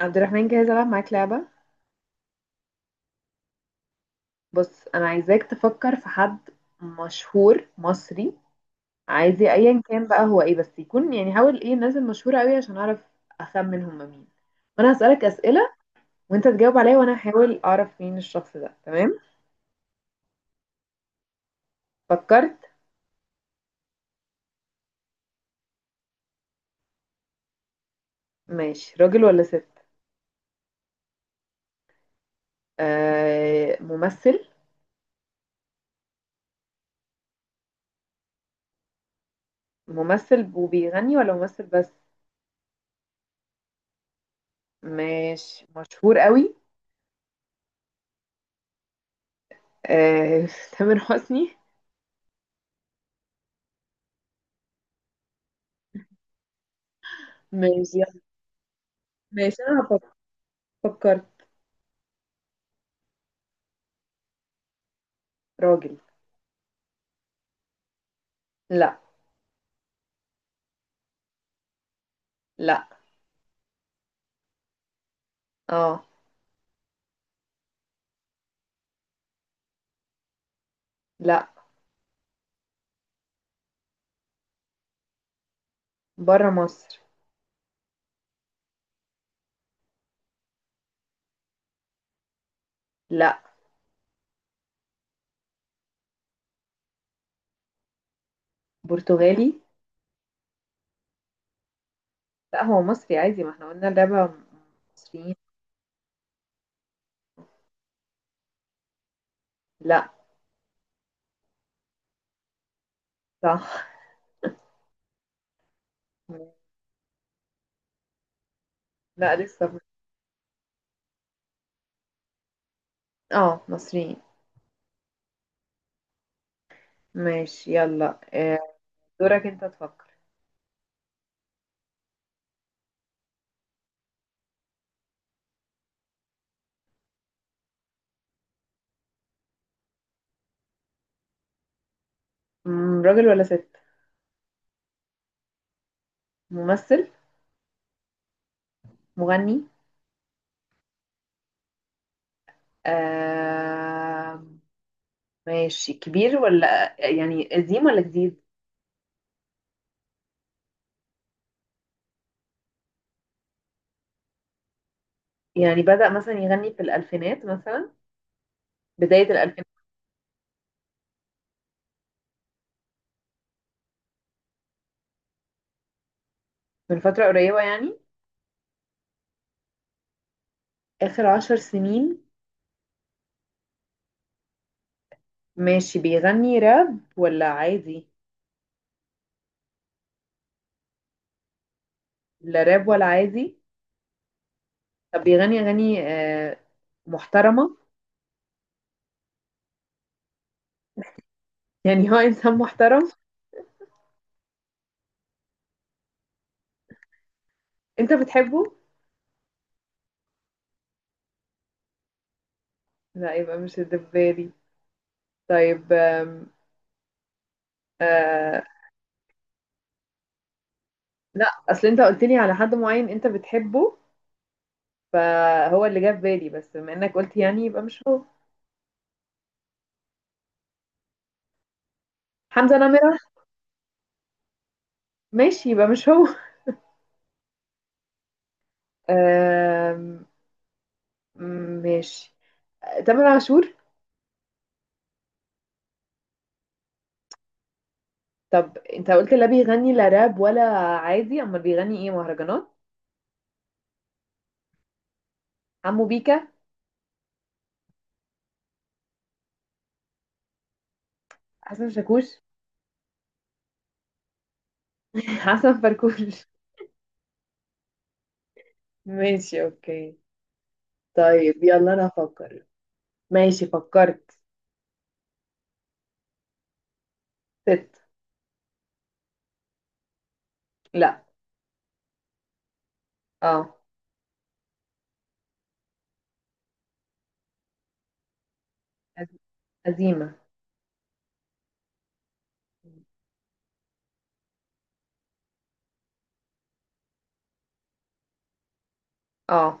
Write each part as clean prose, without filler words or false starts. عبد الرحمن، جاهز ألعب معاك لعبة. بص أنا عايزاك تفكر في حد مشهور مصري. عايزة أيا كان بقى هو إيه بس يكون، يعني حاول إيه الناس المشهورة أوي عشان أعرف أخمن هما مين، وأنا هسألك أسئلة وأنت تجاوب عليا وأنا هحاول أعرف مين الشخص ده. تمام؟ فكرت. ماشي، راجل ولا ست؟ آه ممثل. ممثل وبيغني ولا ممثل بس؟ ماشي. مشهور أوي؟ آه تامر حسني. ماشي يلا. ماشي أنا هفكر. فكرت. راجل. لا. لا. اه. لا. بره مصر. لا. برتغالي. لا هو مصري عادي، ما احنا قلنا اللعبة مصريين. لا. صح. لا لسه. اه مصريين. ماشي يلا. آه، دورك انت تفكر. راجل ولا ست؟ ممثل. مغني. آه ماشي، كبير ولا يعني قديم ولا جديد؟ يعني بدأ مثلا يغني في الألفينات مثلا، بداية الألفينات؟ من فترة قريبة يعني، آخر 10 سنين. ماشي. بيغني راب ولا عادي؟ لا راب ولا عادي. طب بيغني أغاني محترمة؟ يعني هو إنسان محترم. أنت بتحبه؟ لا يبقى مش الدبالي. طيب آه. لا أصل أنت قلت لي على حد معين أنت بتحبه، فهو اللي جه في بالي، بس بما إنك قلت يعني يبقى مش هو. حمزة نمرة. ماشي يبقى مش هو آم، ماشي. تامر عاشور. طب انت قلت لا بيغني لا راب ولا عادي، امال بيغني ايه، مهرجانات؟ عمو بيكا. حسن شاكوش حسن فركوش. ماشي اوكي. طيب يلا انا افكر. ماشي فكرت. ست. لا. اه. عزيمة. اه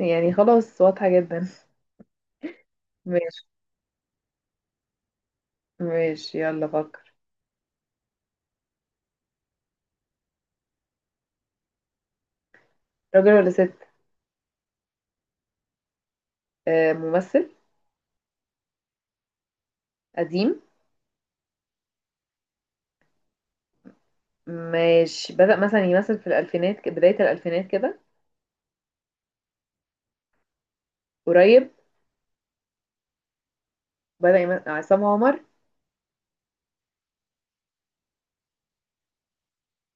يعني خلاص واضحة جدا. ماشي. ماشي يلا فكر. راجل ولا ست؟ آه ممثل. قديم. ماشي بدأ مثلا يمثل في الألفينات، بداية الألفينات كده؟ قريب. بدأ يمثل. عصام عمر.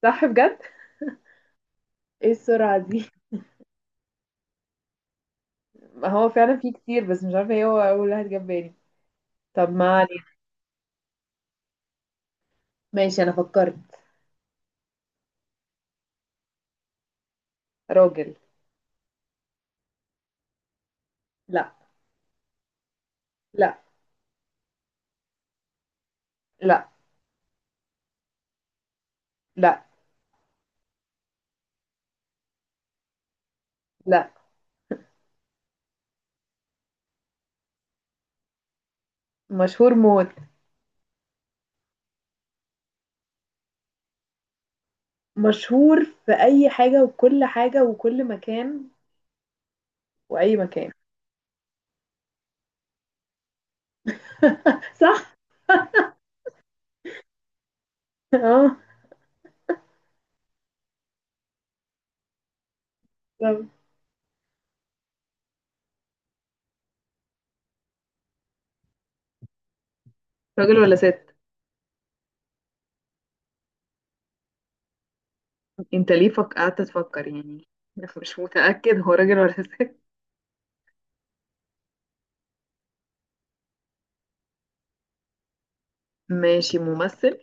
صح بجد؟ ايه السرعة دي ما هو فعلا فيه كتير بس مش عارفة ايه هو أول واحد جاب بالي. طب ما علينا. ماشي انا فكرت. راجل. لا. لا. لا. لا. لا. مشهور موت. مشهور في اي حاجة وكل حاجة وكل مكان، واي مكان. صح. اه. طب. راجل ولا ست؟ انت ليه قعدت تفكر يعني؟ مش متأكد هو راجل ولا ست. ماشي. ممثل.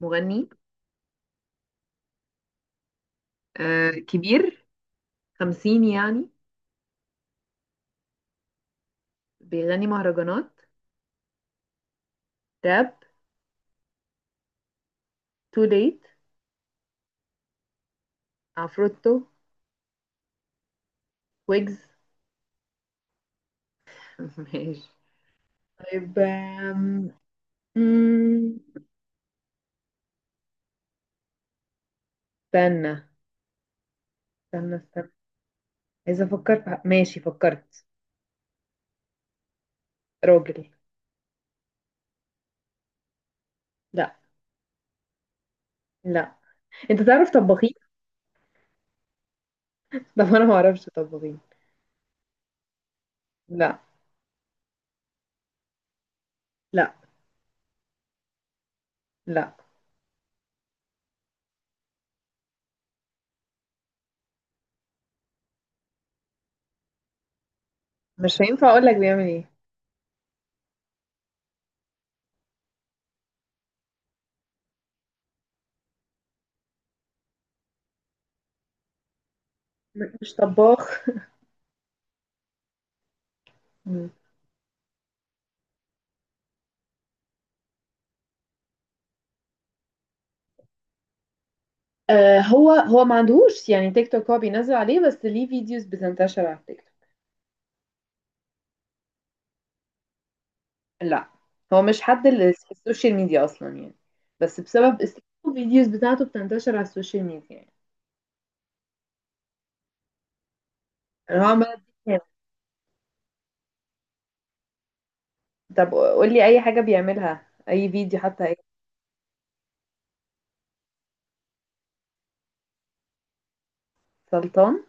مغني. آه كبير؟ 50 يعني؟ بيغني مهرجانات؟ راب. تو ليت. عفروتو. ويجز ماشي. طيب مم، استنى. استنى استنى. عايزة أفكر في ماشي فكرت. راجل. لا. لا. أنت تعرف طباخين؟ طب أنا ما أعرفش طباخين. لا. لا. لا. مش هينفع أقول لك بيعمل إيه. مش طباخ. مم. آه هو هو ما عندهوش يعني تيك توك، هو بينزل عليه بس ليه فيديوز بتنتشر على التيك توك. لا، هو مش حد اللي في السوشيال ميديا أصلا يعني، بس بسبب الفيديوز بتاعته بتنتشر على السوشيال ميديا يعني. أنا هو عمال. طب قول لي اي حاجة بيعملها، اي فيديو حتى، اي. سلطان.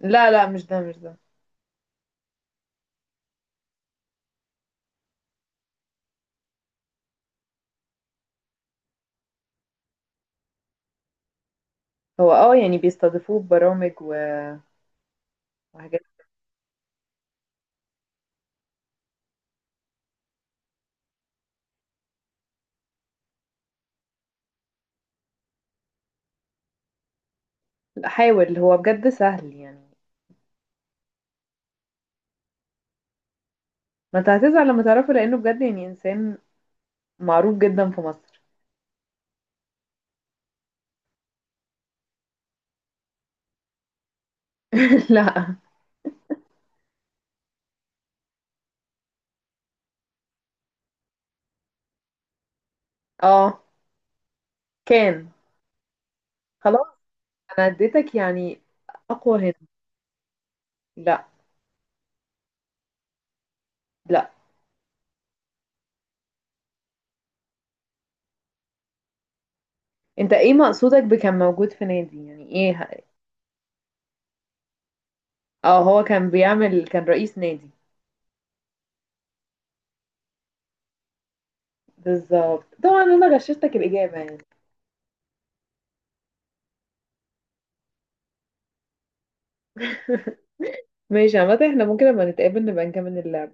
لا لا مش ده، مش ده. هو اه يعني بيستضيفوه ببرامج وحاجات. لا، حاول، هو بجد سهل يعني. ما انت هتزعل لما تعرفه، لانه بجد يعني انسان معروف جدا في مصر. لا. اه كان. خلاص انا اديتك يعني اقوى هنا. لا. لا. انت ايه مقصودك بكان موجود في نادي، يعني ايه اه هو كان بيعمل، كان رئيس نادي. بالظبط، طبعا انا غششتك الاجابة يعني. ماشي عامة احنا ممكن لما نتقابل نبقى نكمل اللعب